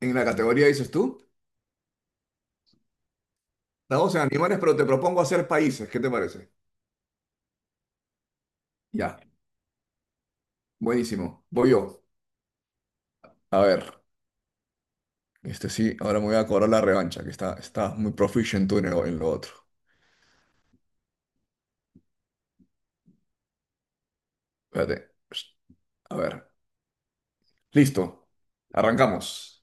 En la categoría dices tú, estamos en animales, pero te propongo hacer países. ¿Qué te parece? Ya, buenísimo. Voy yo. A ver, este sí, ahora me voy a cobrar la revancha, que está muy proficient tú en lo otro. Espérate. Psst, a ver, listo. Arrancamos.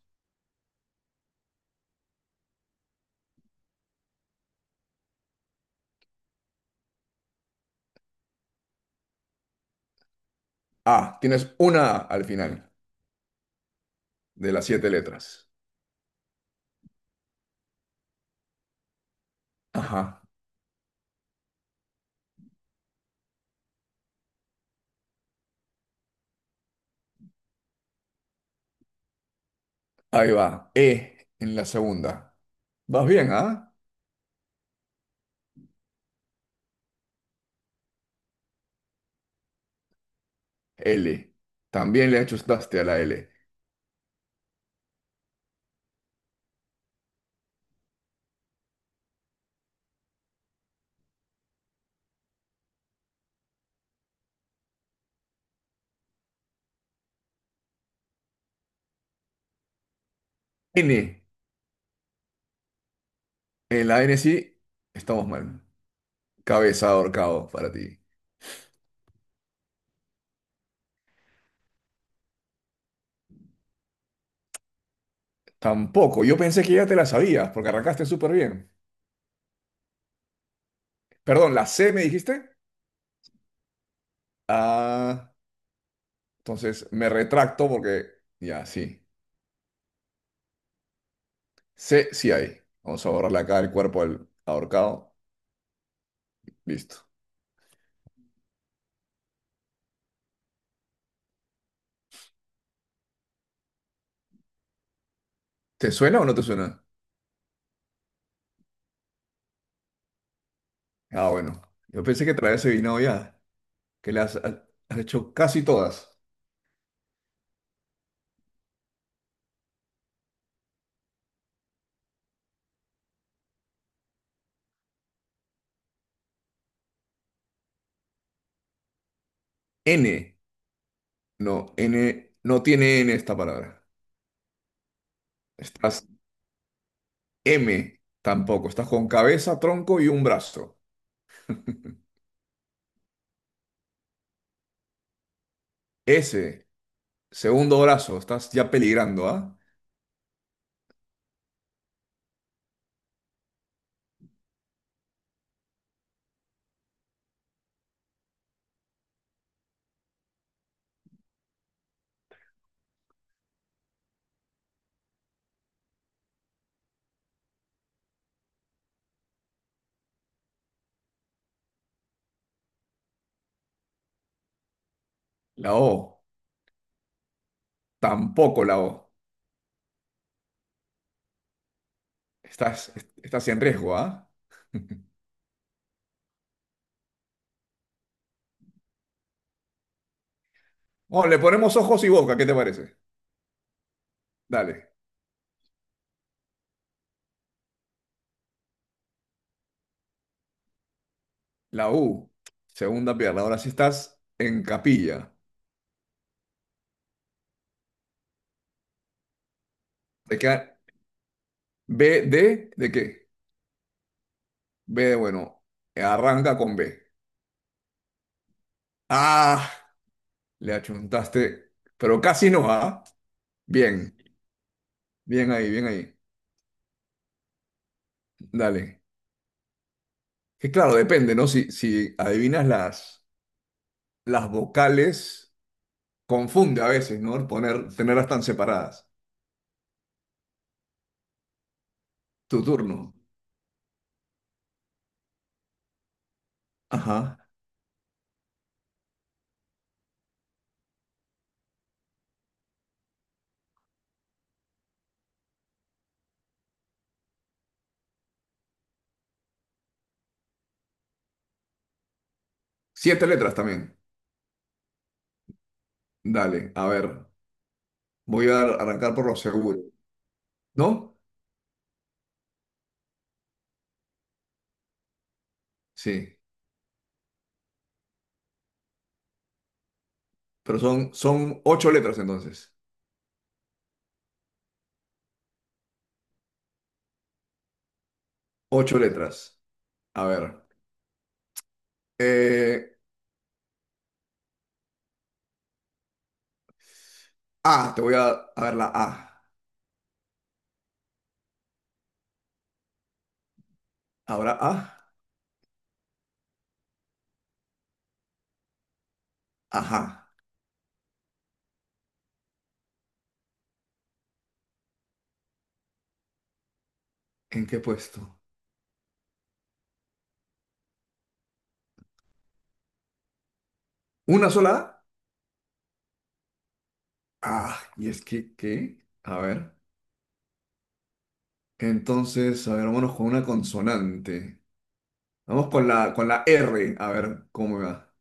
A, tienes una A al final de las siete letras. Ajá, ahí va. E en la segunda. Vas bien, ¿ah? L. También le ajustaste a la L. N. En la N sí, estamos mal. Cabeza de ahorcado para ti. Tampoco. Yo pensé que ya te la sabías porque arrancaste súper bien. Perdón, ¿la C me dijiste? Ah, entonces me retracto porque ya, sí. C sí hay. Vamos a borrarle acá el cuerpo al ahorcado. Listo. ¿Te suena o no te suena? Ah, bueno. Yo pensé que traías adivinado ya, que le has hecho casi todas. N. No, N. No tiene N esta palabra. Estás M. Tampoco. Estás con cabeza, tronco y un brazo. S. Segundo brazo, estás ya peligrando, ¿ah? La O, tampoco la O. Estás, estás en riesgo, ¿ah? Bueno, le ponemos ojos y boca, ¿qué te parece? Dale. La U, segunda pierna. Ahora sí estás en capilla. Te queda B ¿de qué? B de bueno. Arranca con B. Ah, le achuntaste, pero casi no, ¿ah? Bien, bien ahí, bien ahí. Dale. Que claro, depende, ¿no? Si adivinas las vocales. Confunde a veces, ¿no? Poner, tenerlas tan separadas. Tu turno. Ajá. Siete letras también. Dale, a ver. Voy a arrancar por lo seguro. ¿No? Sí. Pero son ocho letras entonces. Ocho letras. A ver. Eh, A, a ver la A. Ahora A. Ajá. ¿En qué puesto? ¿Una sola A? Ah, y es que, ¿qué? A ver. Entonces, a ver, vámonos con una consonante. Vamos con la R. A ver, ¿cómo me va?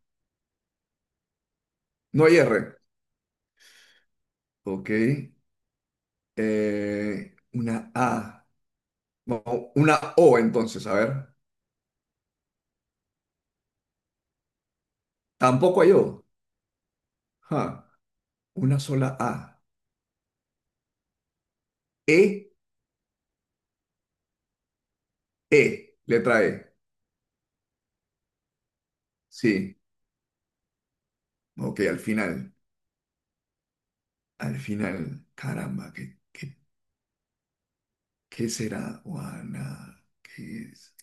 No hay R. Ok. Una A. Vamos, una O entonces, a ver. Tampoco hay O. Ja, una sola A. E, E, letra E. Sí. Ok, al final. Al final. Caramba, ¿qué será? Juana, ¿qué es?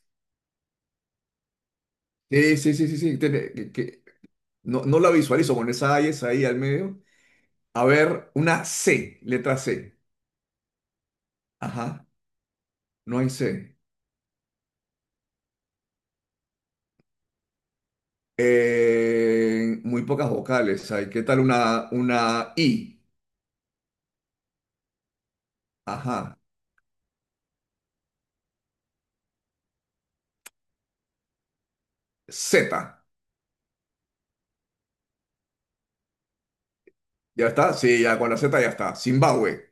Sí, sí, sí, sí. No, no la visualizo con esa A y esa I al medio. A ver, una C, letra C. Ajá, no hay C. Muy pocas vocales hay. ¿Qué tal una I? Ajá. Z. ¿Ya está? Sí, ya con la Z ya está. Zimbabue.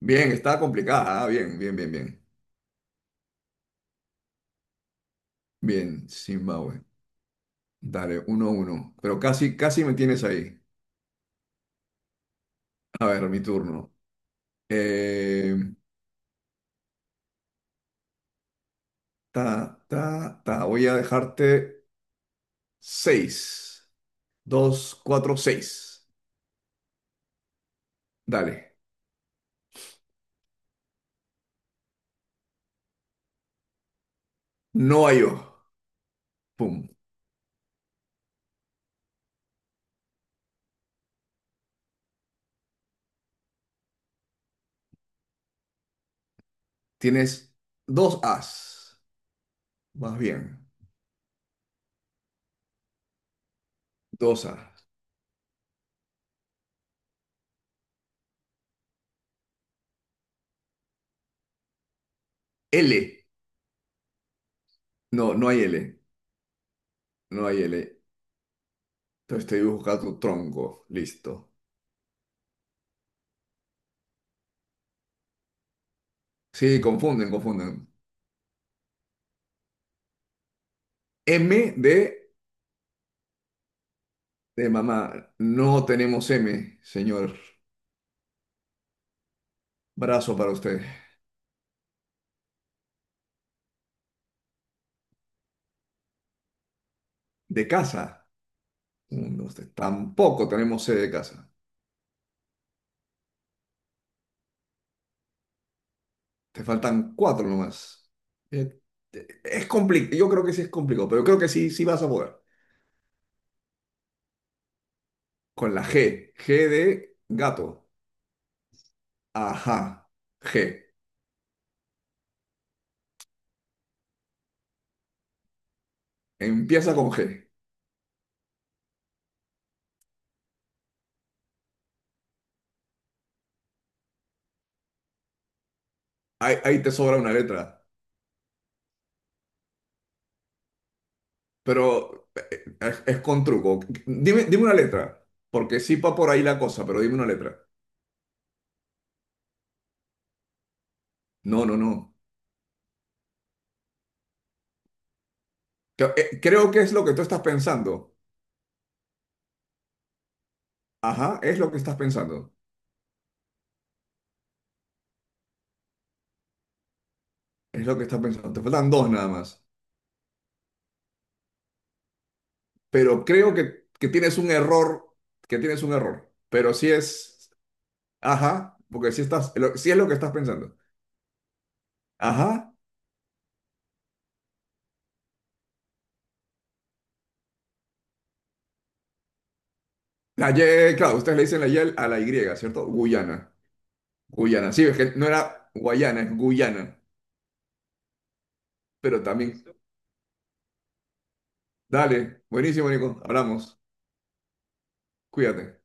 Bien, está complicada. Bien, bien, bien, bien. Bien, Zimbabue. Dale, uno, uno. Pero casi, casi me tienes ahí. A ver, mi turno. Eh, ta, ta, ta. Voy a dejarte seis. Dos, cuatro, seis. Dale. No hay O. Pum. Tienes dos As. Más bien, dos L. No, no hay L. No hay L. Entonces estoy buscando tronco. Listo. Sí, confunden, confunden. M de mamá. No tenemos M, señor. Brazo para usted. De casa. Uno, usted. Tampoco tenemos C de casa. Te faltan cuatro nomás. Eh, Es complicado. Yo creo que sí es complicado, pero creo que sí, sí vas a poder. Con la G. G de gato. Ajá. G. Empieza con G. Ahí te sobra una letra, pero es con truco. Dime, dime una letra, porque sí va por ahí la cosa, pero dime una letra. No, no, no. Creo que es lo que tú estás pensando. Ajá, es lo que estás pensando. Es lo que estás pensando. Te faltan dos nada más. Pero creo que tienes un error, que tienes un error. Pero sí es, ajá, porque sí estás, sí es lo que estás pensando. Ajá. La Y, claro, ustedes le dicen la Y a la Y, ¿cierto? Guyana. Guyana. Sí, es que no era Guayana, es Guyana. Pero también, dale, buenísimo, Nico, hablamos, cuídate.